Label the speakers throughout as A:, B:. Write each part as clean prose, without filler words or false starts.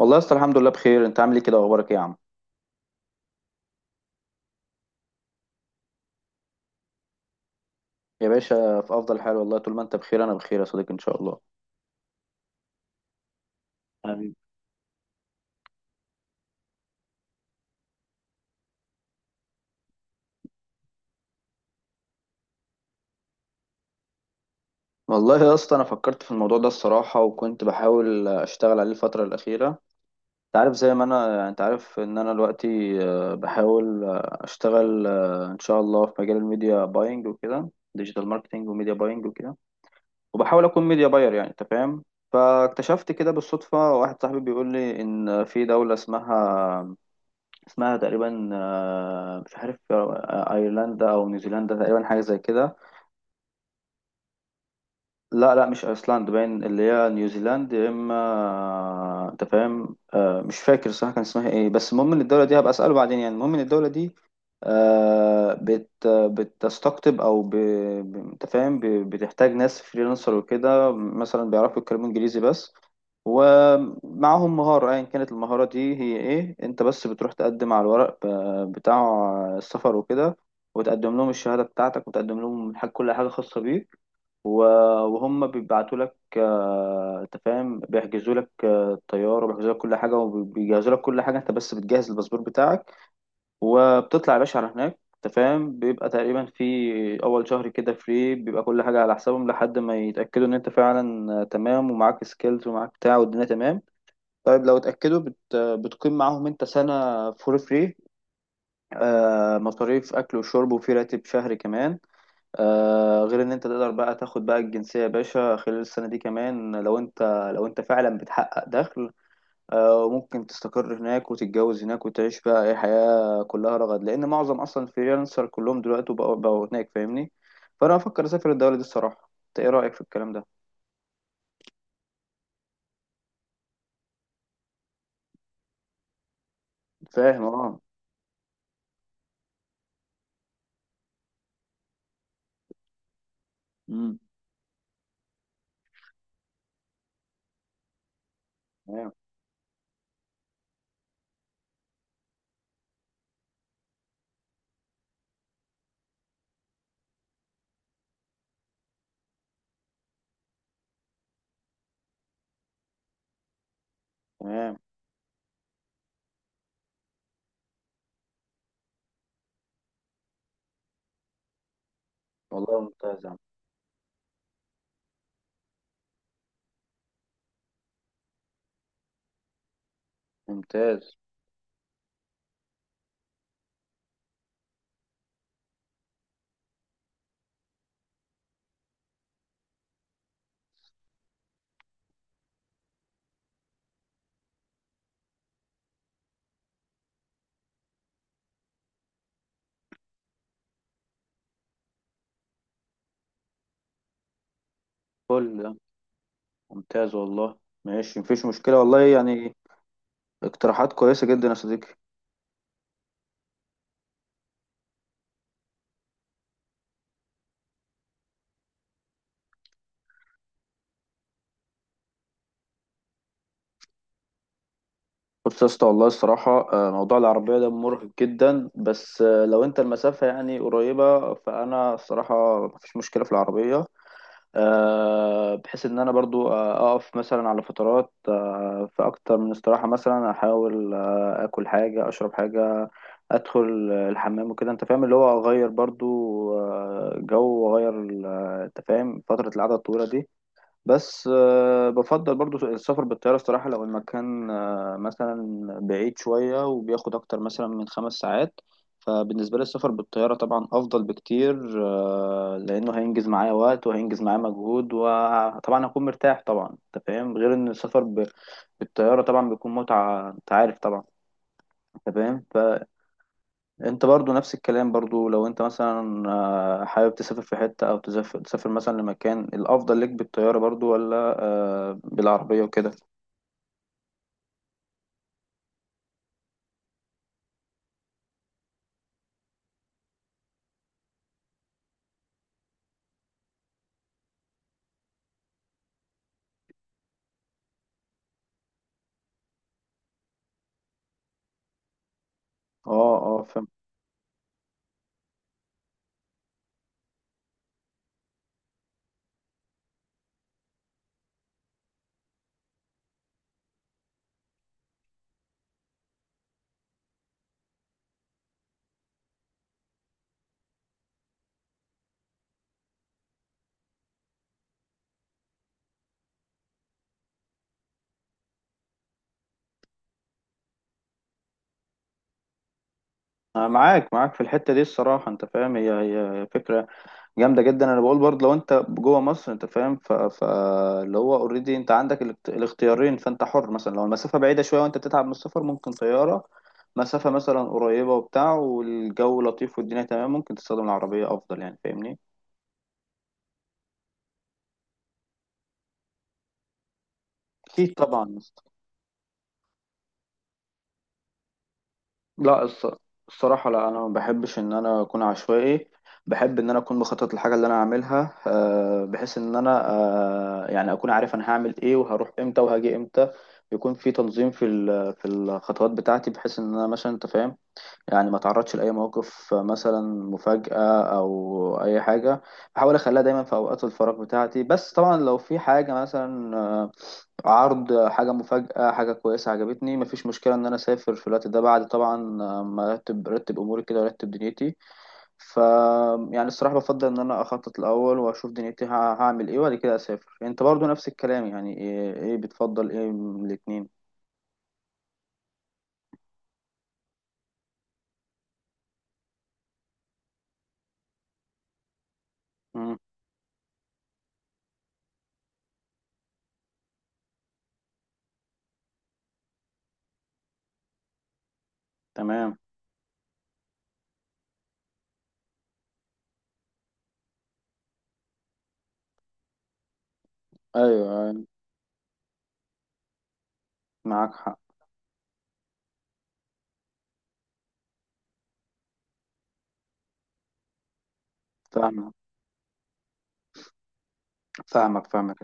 A: والله يا اسطى، الحمد لله بخير. انت عامل ايه كده واخبارك ايه يا عم؟ يا باشا، في افضل حال والله. طول ما انت بخير انا بخير يا صديقي ان شاء الله. حبيبي. والله يا اسطى، انا فكرت في الموضوع ده الصراحه وكنت بحاول اشتغل عليه الفتره الاخيره. انت عارف، زي ما انت عارف ان انا دلوقتي بحاول اشتغل ان شاء الله في مجال الميديا باينج وكده، ديجيتال ماركتنج وميديا باينج وكده. وبحاول اكون ميديا باير يعني، انت فاهم. فاكتشفت كده بالصدفه، واحد صاحبي بيقول لي ان في دوله اسمها تقريبا مش عارف ايرلندا او نيوزيلندا، تقريبا حاجه زي كده. لا، لا، مش ايسلاند باين اللي هي نيوزيلاند يا اما، انت فاهم. مش فاكر صراحة كان اسمها ايه، بس المهم ان الدولة دي هبقى اسأله بعدين يعني. المهم ان الدولة دي بتستقطب انت فاهم بتحتاج ناس فريلانسر وكده، مثلا بيعرفوا يتكلموا انجليزي بس. ومعاهم مهارة، ايا كانت المهارة دي هي ايه، انت بس بتروح تقدم على الورق بتاع السفر وكده. وتقدم لهم الشهادة بتاعتك، وتقدم لهم حاجة، كل حاجة خاصة بيك و- وهم بيبعتوا لك، انت فاهم، بيحجزوا لك الطياره وبيحجزوا لك كل حاجه وبيجهزوا لك كل حاجه. انت بس بتجهز الباسبور بتاعك، وبتطلع يا باشا على هناك. انت فاهم، بيبقى تقريبا في اول شهر كده فري، بيبقى كل حاجه على حسابهم لحد ما يتاكدوا ان انت فعلا تمام ومعاك سكيلز ومعاك بتاع والدنيا تمام. طيب لو اتاكدوا، بتقيم معاهم انت سنه فور فري. مصاريف اكل وشرب وفي راتب شهري كمان. غير ان انت تقدر بقى تاخد بقى الجنسية يا باشا خلال السنة دي كمان، لو انت فعلا بتحقق دخل. ممكن تستقر هناك وتتجوز هناك وتعيش بقى اي حياة كلها رغد، لان معظم اصلا الفريلانسر كلهم دلوقتي بقوا هناك، فاهمني. فانا افكر اسافر الدولة دي الصراحة. انت ايه رأيك في الكلام ده؟ فاهم، اه. امم. تمام تمام. والله ممتاز يا عم. ممتاز. كل ده ممتاز والله. ماشي، مفيش مشكلة والله يعني. اقتراحات كويسة جدا يا صديقي. بص يا اسطى، والله الصراحة موضوع العربية ده مرهق جدا، بس لو انت المسافة يعني قريبة، فأنا الصراحة مفيش مشكلة في العربية. بحيث إن أنا برضو أقف مثلا على فترات، في أكتر من استراحة، مثلا أحاول آكل حاجة، أشرب حاجة، أدخل الحمام وكده، أنت فاهم، اللي هو أغير برضو جو وأغير أنت فاهم فترة القعدة الطويلة دي. بس بفضل برضو السفر بالطيارة الصراحة لو المكان مثلا بعيد شوية وبياخد أكتر مثلا من 5 ساعات. فبالنسبة لي السفر بالطيارة طبعا أفضل بكتير، لأنه هينجز معايا وقت وهينجز معايا مجهود وطبعا هكون مرتاح طبعا. أنت فاهم، غير إن السفر بالطيارة طبعا بيكون متعة، أنت عارف طبعا. أنت فاهم انت برضو نفس الكلام برضو، لو انت مثلا حابب تسافر في حتة او تسافر مثلا لمكان، الافضل ليك بالطيارة برضو ولا بالعربية وكده؟ اه، اه، فاهم. انا معاك في الحتة دي الصراحة، انت فاهم، هي فكرة جامدة جدا. انا بقول برضو لو انت جوه مصر، انت فاهم فاللي هو اوريدي انت عندك الاختيارين، فانت حر. مثلا لو المسافة بعيدة شوية وانت بتتعب من السفر ممكن طيارة. مسافة مثلا قريبة وبتاع والجو لطيف والدنيا تمام، ممكن تستخدم العربية افضل يعني، فاهمني. أكيد طبعا يا اسطى. لا، الصراحة لا، أنا ما بحبش إن أنا أكون عشوائي. بحب إن أنا أكون بخطط الحاجة اللي أنا هعملها، بحيث إن أنا يعني أكون عارف أنا هعمل إيه وهروح إمتى وهاجي إمتى. يكون في تنظيم في الخطوات بتاعتي، بحيث إن أنا مثلا، أنت فاهم، يعني ما تعرضش لأي مواقف مثلا مفاجأة أو أي حاجة. بحاول أخليها دايما في أوقات الفراغ بتاعتي. بس طبعا لو في حاجة مثلا عرض حاجة مفاجأة، حاجة كويسة عجبتني، مفيش مشكلة إن أنا أسافر في الوقت ده، بعد طبعا ما أرتب أموري كده وأرتب دنيتي. ف يعني الصراحة بفضل إن أنا أخطط الأول وأشوف دنيتي هعمل إيه وبعد كده أسافر. أنت برضو نفس الكلام يعني، إيه بتفضل إيه من الاتنين؟ مم. تمام. أيوه، أيوه. معاك حق. فاهمك، فاهمك، فاهمك.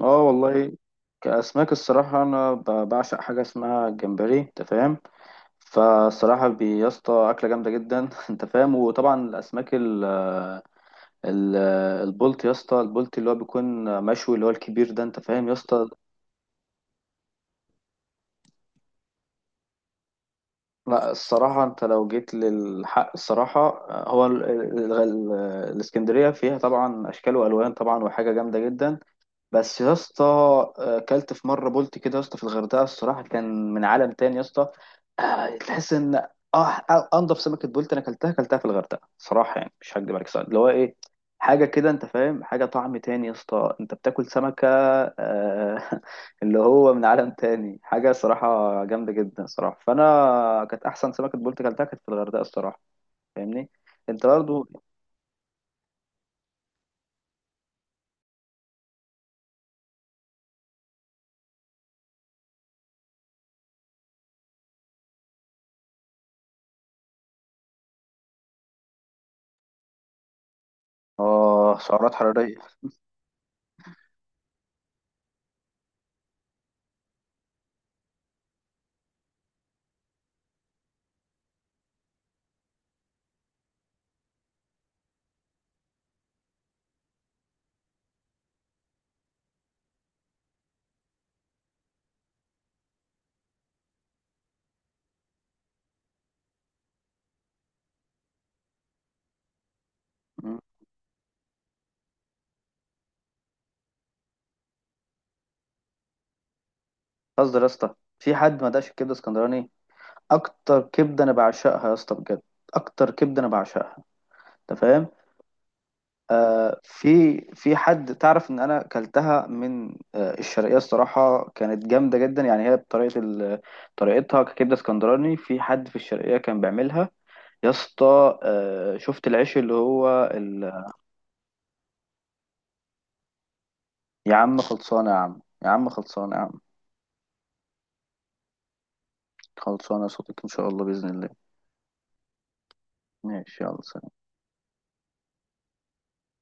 A: اه والله. كأسماك الصراحة، أنا بعشق حاجة اسمها الجمبري، أنت فاهم. فالصراحة يا اسطى أكلة جامدة جدا أنت فاهم. وطبعا الأسماك ال البلط يا اسطى، البلط اللي هو بيكون مشوي اللي هو الكبير ده، أنت فاهم يا اسطى. لا، الصراحة أنت لو جيت للحق الصراحة، هو الإسكندرية فيها طبعا أشكال وألوان طبعا، وحاجة جامدة جدا. بس يا اسطى، كلت في مره بولت كده يا اسطى في الغردقه الصراحه، كان من عالم تاني يا اسطى. تحس ان اه انضف سمكه بولت انا اكلتها في الغردقه صراحه، يعني مش هكدب عليك صراحة. اللي هو ايه، حاجه كده، انت فاهم، حاجه طعم تاني يا اسطى، انت بتاكل سمكه آه، اللي هو من عالم تاني، حاجه صراحه جامده جدا صراحه، فانا كانت احسن سمكه بولت اكلتها كانت في الغردقه الصراحه، فاهمني. انت برضو اه، سعرات حراريه. مم. قصدي يا اسطى، في حد ما دقش الكبده اسكندراني. اكتر كبده انا بعشقها يا اسطى بجد. اكتر كبده انا بعشقها، انت فاهم. في حد، تعرف ان انا كلتها من الشرقيه الصراحه، كانت جامده جدا يعني. هي بطريقه طريقتها ككبده اسكندراني، في حد في الشرقيه كان بيعملها. يا اسطى، شفت العيش اللي هو يا عم خلصانه يا عم، يا عم خلصانه يا عم. خلصانه يا صديقي ان شاء الله باذن الله. ماشي، يلا سلام.